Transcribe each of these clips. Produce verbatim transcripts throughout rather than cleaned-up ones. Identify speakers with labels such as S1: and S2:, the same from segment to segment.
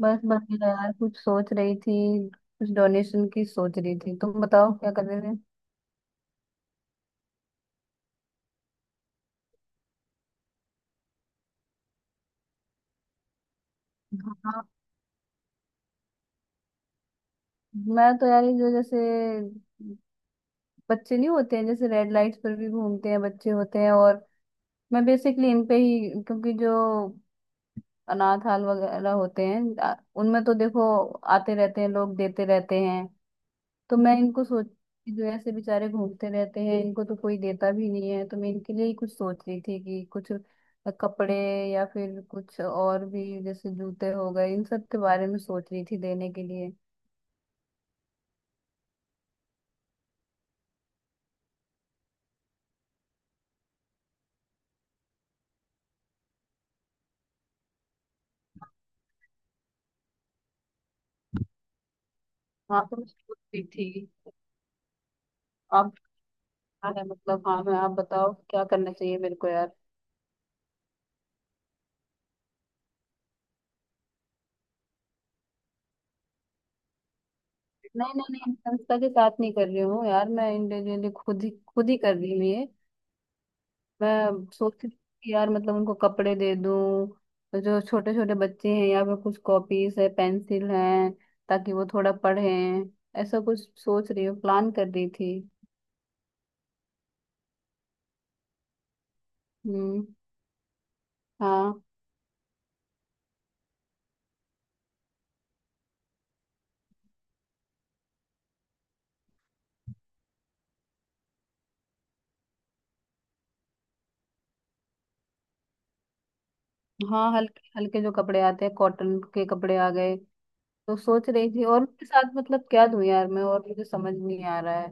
S1: बस बढ़िया यार, कुछ सोच रही थी। कुछ डोनेशन की सोच रही थी। तुम बताओ क्या कर रहे थे? हाँ। मैं तो यार ये जो जैसे बच्चे नहीं होते हैं जैसे रेड लाइट्स पर भी घूमते हैं बच्चे होते हैं। और मैं बेसिकली इन पे ही, क्योंकि जो अनाथ हाल वगैरह होते हैं आ- उनमें तो देखो आते रहते हैं लोग, देते रहते हैं। तो मैं इनको सोच कि जो ऐसे बेचारे घूमते रहते हैं इनको तो कोई देता भी नहीं है। तो मैं इनके लिए ही कुछ सोच रही थी कि कुछ कपड़े या फिर कुछ और भी जैसे जूते हो गए, इन सब के बारे में सोच रही थी देने के लिए। हाँ, तो मैं सोच रही थी। आप क्या है, मतलब हाँ, मैं, आप बताओ क्या करना चाहिए मेरे को यार। नहीं नहीं नहीं, संस्था के साथ नहीं कर रही हूँ यार। मैं इंडिविजुअली खुद ही खुद ही कर रही हूँ ये। मैं सोचती थी कि यार मतलब उनको कपड़े दे दूं, जो छोटे छोटे बच्चे हैं, या फिर कुछ कॉपीज है पेंसिल हैं ताकि वो थोड़ा पढ़ें। ऐसा कुछ सोच रही हूँ, प्लान कर रही थी। हम्म। हाँ। हाँ, हल्के हल्के जो कपड़े आते हैं, कॉटन के कपड़े आ गए, तो सोच रही थी। और उनके साथ मतलब क्या दूं यार मैं? और मुझे समझ नहीं आ रहा है।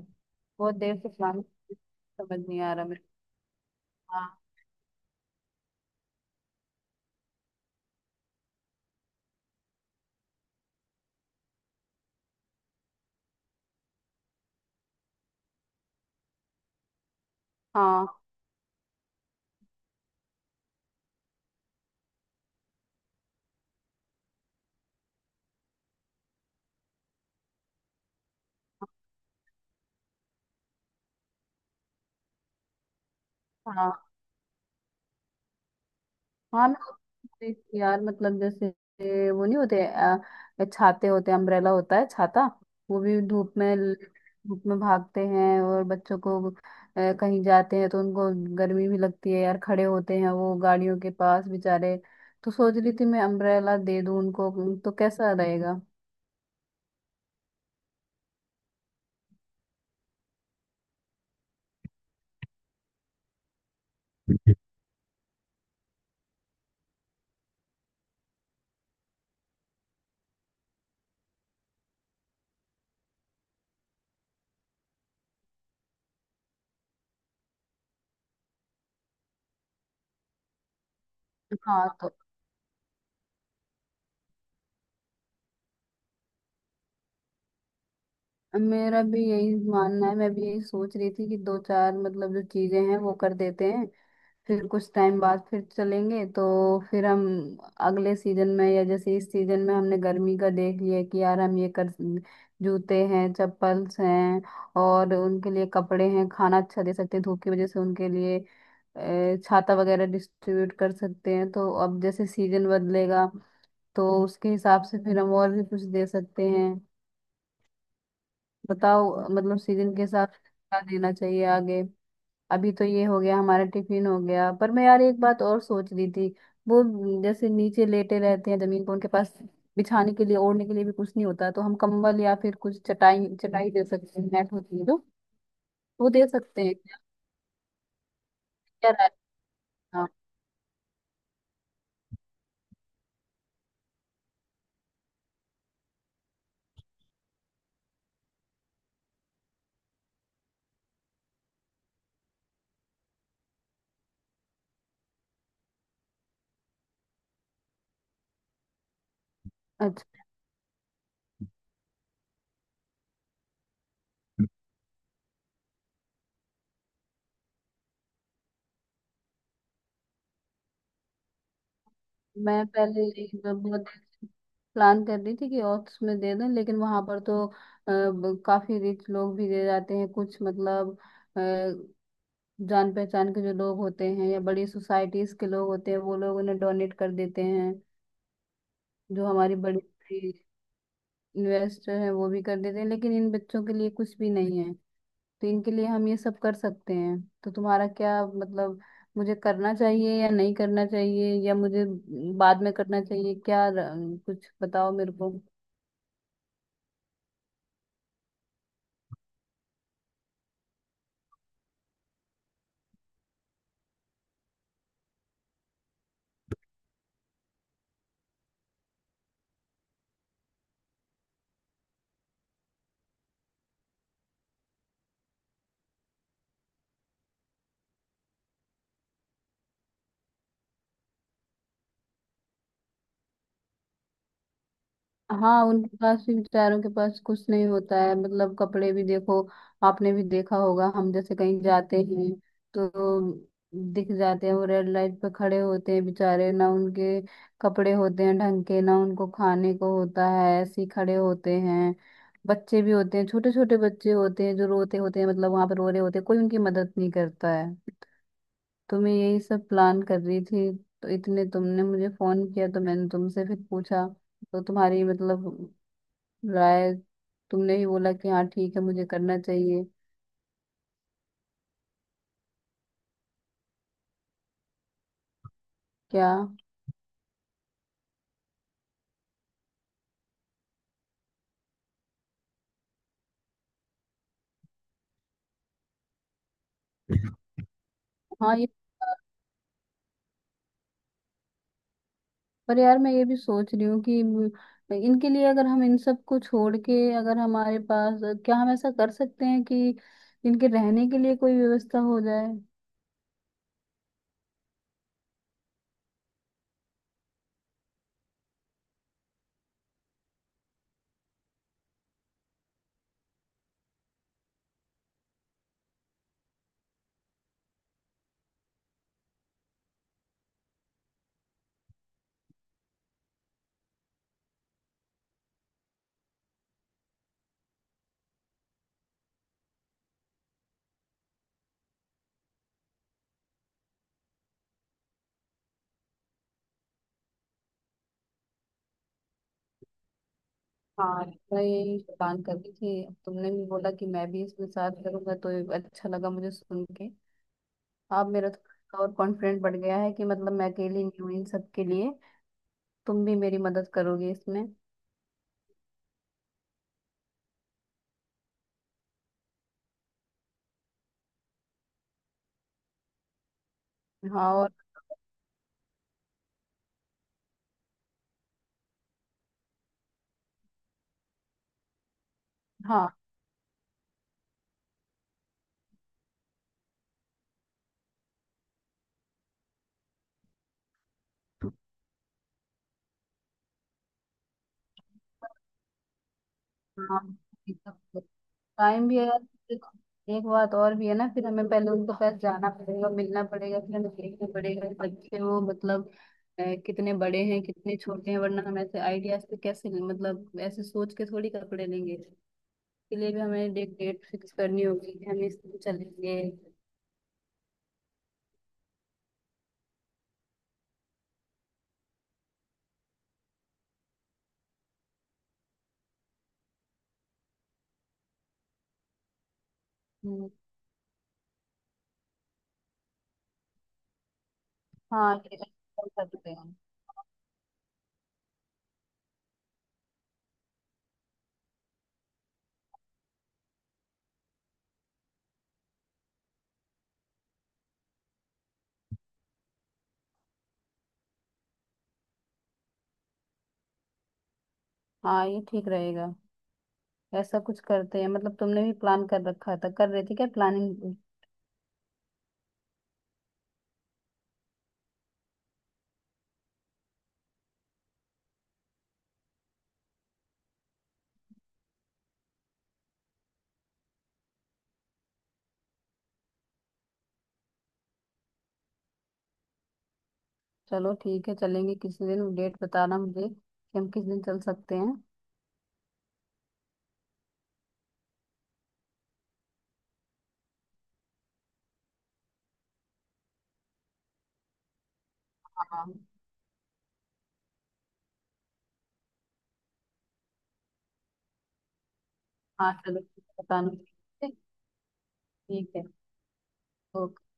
S1: बहुत देर से प्लान। समझ नहीं आ रहा मेरे। हाँ, हाँ, हाँ। हाँ, मैं देख रही यार मतलब जैसे वो नहीं होते अ, छाते होते, अम्ब्रेला होता है, छाता। वो भी धूप में धूप में भागते हैं। और बच्चों को अ, कहीं जाते हैं तो उनको गर्मी भी लगती है यार। खड़े होते हैं वो गाड़ियों के पास बेचारे। तो सोच रही थी मैं अम्ब्रेला दे दूं उनको। तो कैसा रहेगा? हाँ। तो मेरा भी यही मानना है। मैं भी यही सोच रही थी कि दो चार मतलब जो चीजें हैं वो कर देते हैं। फिर कुछ टाइम बाद फिर चलेंगे, तो फिर हम अगले सीजन में, या जैसे इस सीजन में हमने गर्मी का देख लिया कि यार हम ये कर। जूते हैं, चप्पल्स हैं, और उनके लिए कपड़े हैं, खाना अच्छा दे सकते हैं। धूप की वजह से उनके लिए अ, छाता वगैरह डिस्ट्रीब्यूट कर सकते हैं। तो अब जैसे सीजन बदलेगा तो उसके हिसाब से फिर हम और भी कुछ दे सकते हैं। बताओ मतलब सीजन के हिसाब से क्या देना चाहिए आगे। अभी तो ये हो गया, हमारा टिफिन हो गया, पर मैं यार एक बात और सोच रही थी। वो, जैसे नीचे लेटे रहते हैं जमीन पर, उनके पास बिछाने के लिए ओढ़ने के लिए भी कुछ नहीं होता, तो हम कंबल या फिर कुछ चटाई चटाई दे सकते हैं। नेट होती है जो, वो दे सकते हैं क्या? क्या राय? हाँ। अच्छा, मैं पहले एक बहुत प्लान कर रही थी कि ऑक्स में दे दें, लेकिन वहां पर तो अ, ब- काफी रिच लोग भी दे जाते हैं कुछ, मतलब जान पहचान के जो लोग होते हैं या बड़ी सोसाइटीज के लोग होते हैं वो लोग उन्हें डोनेट कर देते हैं। जो हमारी बड़ी बड़ी इन्वेस्टर हैं वो भी कर देते हैं, लेकिन इन बच्चों के लिए कुछ भी नहीं है। तो इनके लिए हम ये सब कर सकते हैं। तो तुम्हारा क्या मतलब? मुझे करना चाहिए या नहीं करना चाहिए, या मुझे बाद में करना चाहिए क्या? र- कुछ बताओ मेरे को। हाँ, उनके पास भी बेचारों के पास कुछ नहीं होता है। मतलब कपड़े भी देखो, आपने भी देखा होगा, हम जैसे कहीं जाते हैं तो दिख जाते हैं वो, रेड लाइट पे खड़े होते हैं बेचारे ना। उनके कपड़े होते हैं ढंग के ना, उनको खाने को होता है, ऐसे ही खड़े होते हैं। बच्चे भी होते हैं, छोटे छोटे बच्चे होते हैं जो रोते होते हैं, मतलब वहां पर रो रहे होते हैं। कोई उनकी मदद नहीं करता है। तो मैं यही सब प्लान कर रही थी। तो इतने तुमने मुझे फोन किया, तो मैंने तुमसे फिर पूछा तो, तुम्हारी मतलब राय। तुमने ही बोला कि हाँ ठीक है मुझे करना चाहिए। क्या? हाँ ये। पर यार मैं ये भी सोच रही हूँ कि म- इनके लिए, अगर हम इन सब को छोड़ के, अगर हमारे पास, क्या हम ऐसा कर सकते हैं कि इनके रहने के लिए कोई व्यवस्था हो जाए? हाँ, मैं यही प्लान कर रही थी। अब तुमने भी बोला कि मैं भी इसमें साथ करूंगा, तो अच्छा लगा मुझे सुन के। अब मेरा थोड़ा और कॉन्फिडेंट बढ़ गया है कि मतलब मैं अकेली नहीं हूँ इन सब के लिए। तुम भी मेरी मदद करोगे इसमें। हाँ और। हाँ। हाँ, टाइम भी है यार। एक बात और भी है ना, फिर हमें पहले उनके पास जाना पड़ेगा, मिलना पड़ेगा, फिर हमें देखना पड़ेगा कि बच्चे वो मतलब अ, कितने बड़े हैं कितने छोटे हैं, वरना हम ऐसे आइडियाज से कैसे, मतलब ऐसे सोच के थोड़ी कपड़े लेंगे। इसके लिए भी हमें डेट डेट फिक्स करनी होगी कि हम इस दिन चलेंगे। हम्म। हाँ, ये ऐसा कर सकते हैं। हाँ, ये ठीक रहेगा। ऐसा कुछ करते हैं। मतलब तुमने भी प्लान कर रखा था, कर रही थी क्या प्लानिंग? चलो ठीक है, चलेंगे किसी दिन। डेट बताना मुझे कि हम किस दिन चल सकते हैं। हाँ। हाँ चलो। बताना। ठीक है। ओके।